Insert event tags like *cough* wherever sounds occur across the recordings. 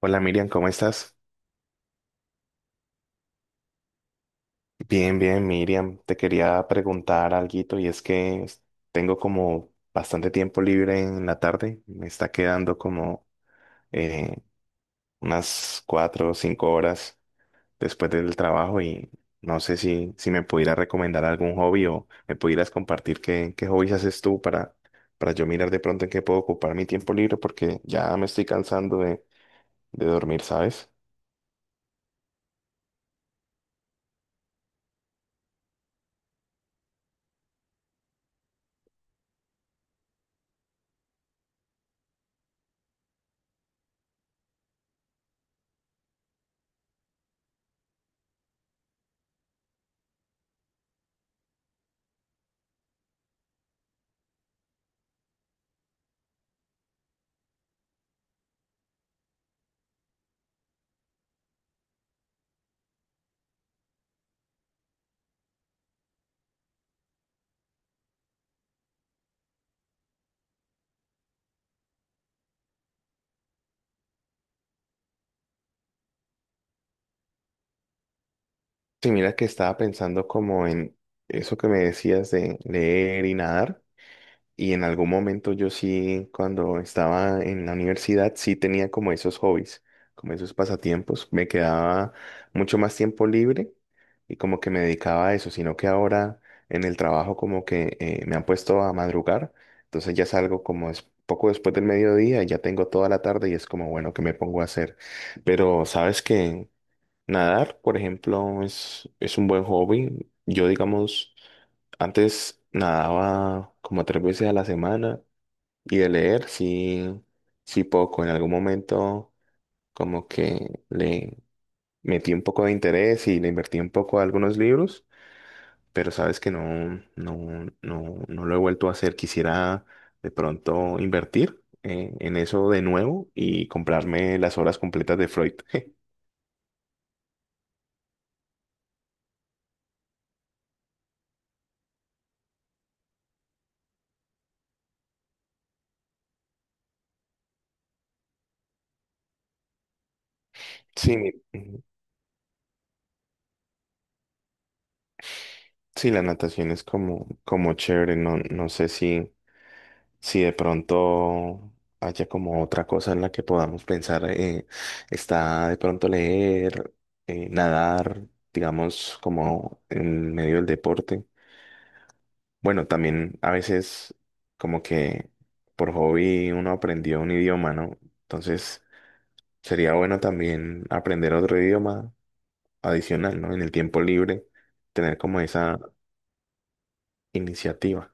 Hola, Miriam, ¿cómo estás? Bien, bien, Miriam. Te quería preguntar alguito y tengo como bastante tiempo libre en la tarde. Me está quedando como eh, unas cuatro o cinco horas después del trabajo y no sé si me pudieras recomendar algún hobby o me pudieras compartir qué hobbies haces tú para yo mirar de pronto en qué puedo ocupar mi tiempo libre porque ya me estoy cansando de dormir, ¿sabes? Sí, mira que estaba pensando como en eso que me decías de leer y nadar. Y en algún momento yo sí, cuando estaba en la universidad, sí tenía como esos hobbies, como esos pasatiempos. Me quedaba mucho más tiempo libre y como que me dedicaba a eso, sino que ahora en el trabajo como que me han puesto a madrugar. Entonces ya salgo como es poco después del mediodía, y ya tengo toda la tarde y es como, bueno, ¿qué me pongo a hacer? Pero sabes que nadar, por ejemplo, es un buen hobby. Yo, digamos, antes nadaba como tres veces a la semana y de leer sí, sí poco. En algún momento como que le metí un poco de interés y le invertí un poco a algunos libros, pero sabes que no lo he vuelto a hacer. Quisiera de pronto invertir en eso de nuevo y comprarme las obras completas de Freud. *laughs* Sí, mi- Sí, la natación es como, como chévere, no sé si de pronto haya como otra cosa en la que podamos pensar, está de pronto leer, nadar, digamos, como en medio del deporte. Bueno, también a veces como que por hobby uno aprendió un idioma, ¿no? Entonces sería bueno también aprender otro idioma adicional, ¿no? En el tiempo libre, tener como esa iniciativa.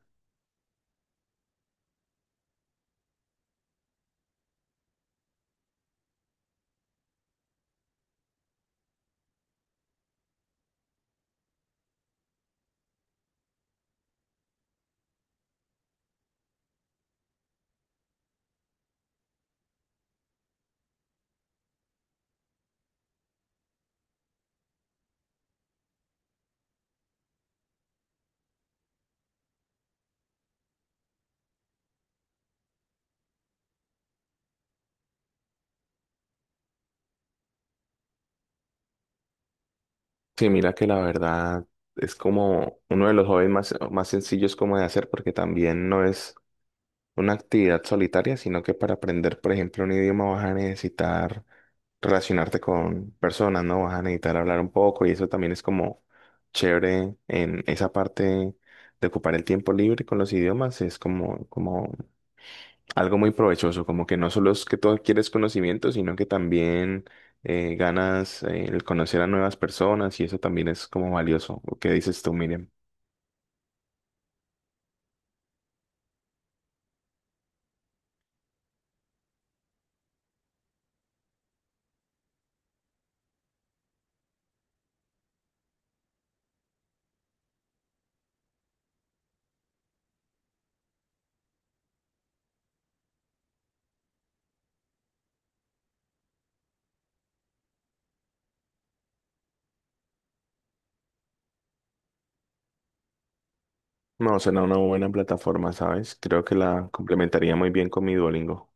Sí, mira que la verdad es como uno de los hobbies más, más sencillos como de hacer porque también no es una actividad solitaria, sino que para aprender, por ejemplo, un idioma vas a necesitar relacionarte con personas, ¿no? Vas a necesitar hablar un poco y eso también es como chévere en esa parte de ocupar el tiempo libre con los idiomas, es como, como algo muy provechoso, como que no solo es que tú adquieres conocimiento, sino que también ganas el conocer a nuevas personas y eso también es como valioso. ¿O ¿Qué dices tú, Miriam? No, será una buena plataforma, ¿sabes? Creo que la complementaría muy bien con mi Duolingo.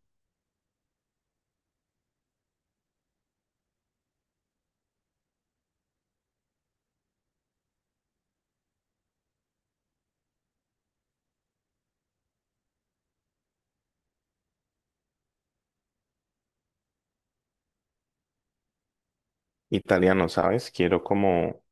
Italiano, ¿sabes? Quiero como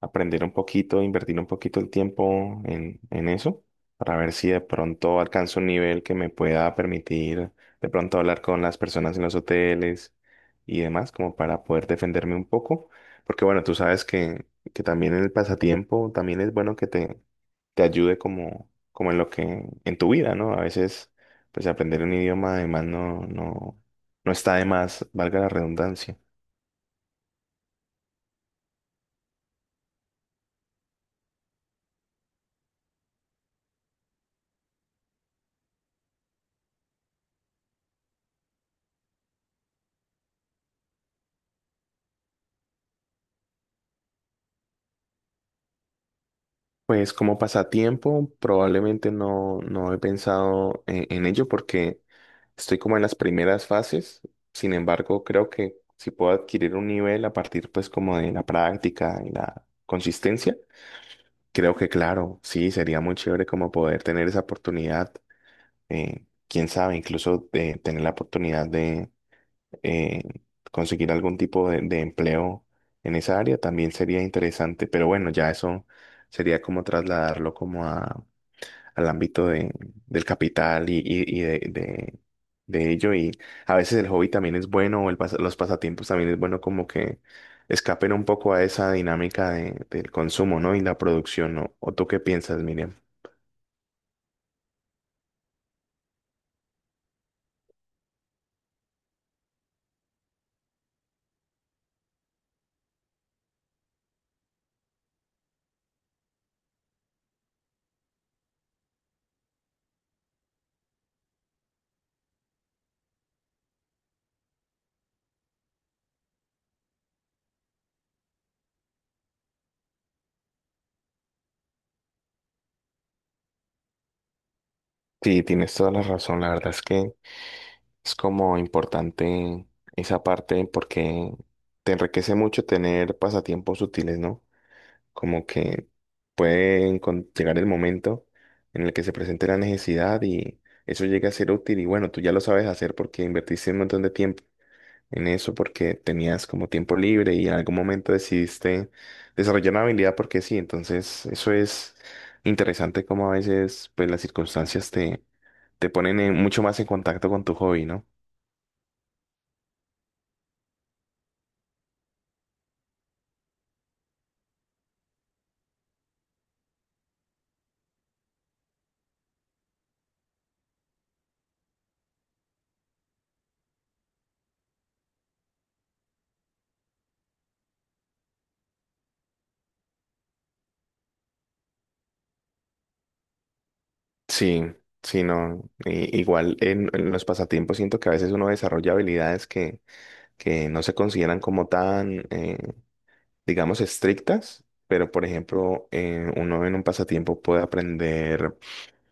aprender un poquito, invertir un poquito el tiempo en eso, para ver si de pronto alcanzo un nivel que me pueda permitir de pronto hablar con las personas en los hoteles y demás, como para poder defenderme un poco. Porque bueno, tú sabes que también el pasatiempo también es bueno que te ayude como, como en lo que, en tu vida, ¿no? A veces, pues aprender un idioma además no está de más, valga la redundancia. Pues como pasatiempo, probablemente no he pensado en ello porque estoy como en las primeras fases. Sin embargo, creo que si puedo adquirir un nivel a partir pues como de la práctica y la consistencia, creo que claro, sí, sería muy chévere como poder tener esa oportunidad. Eh, quién sabe, incluso de tener la oportunidad de eh, conseguir algún tipo de empleo en esa área también sería interesante. Pero bueno, ya eso sería como trasladarlo como a al ámbito de, del capital y de ello. Y a veces el hobby también es bueno, o los pasatiempos también es bueno como que escapen un poco a esa dinámica de, del consumo, ¿no? Y la producción, ¿no? ¿O tú qué piensas, Miriam? Sí, tienes toda la razón. La verdad es que es como importante esa parte porque te enriquece mucho tener pasatiempos útiles, ¿no? Como que puede llegar el momento en el que se presente la necesidad y eso llega a ser útil y bueno, tú ya lo sabes hacer porque invertiste un montón de tiempo en eso porque tenías como tiempo libre y en algún momento decidiste desarrollar una habilidad porque sí, entonces eso es interesante como a veces pues las circunstancias te ponen mucho más en contacto con tu hobby, ¿no? Sí, sí, no. Igual en los pasatiempos siento que a veces uno desarrolla habilidades que no se consideran como tan, digamos, estrictas, pero por ejemplo, uno en un pasatiempo puede aprender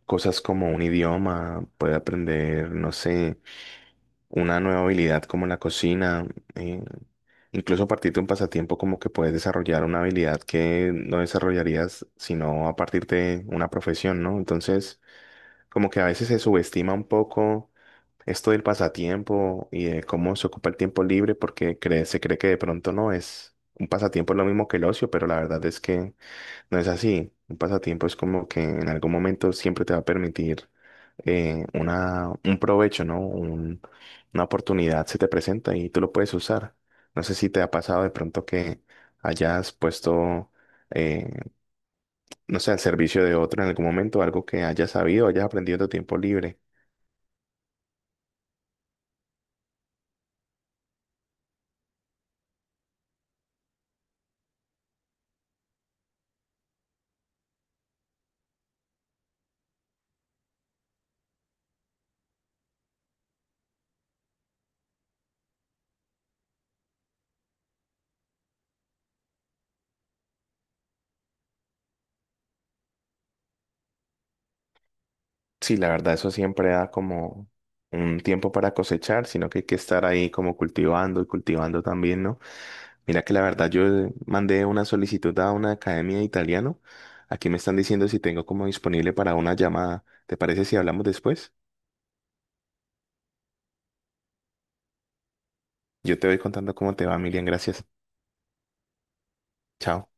cosas como un idioma, puede aprender, no sé, una nueva habilidad como la cocina, eh, incluso a partir de un pasatiempo como que puedes desarrollar una habilidad que no desarrollarías sino a partir de una profesión, ¿no? Entonces, como que a veces se subestima un poco esto del pasatiempo y de cómo se ocupa el tiempo libre, porque se cree que de pronto no es un pasatiempo es lo mismo que el ocio, pero la verdad es que no es así. Un pasatiempo es como que en algún momento siempre te va a permitir un provecho, ¿no? Una oportunidad se te presenta y tú lo puedes usar. No sé si te ha pasado de pronto que hayas puesto, eh, no sé, al servicio de otro en algún momento, algo que hayas sabido, hayas aprendido en tu tiempo libre. Sí, la verdad, eso siempre da como un tiempo para cosechar, sino que hay que estar ahí como cultivando y cultivando también, ¿no? Mira que la verdad, yo mandé una solicitud a una academia de italiano. Aquí me están diciendo si tengo como disponible para una llamada. ¿Te parece si hablamos después? Yo te voy contando cómo te va, Miriam. Gracias. Chao.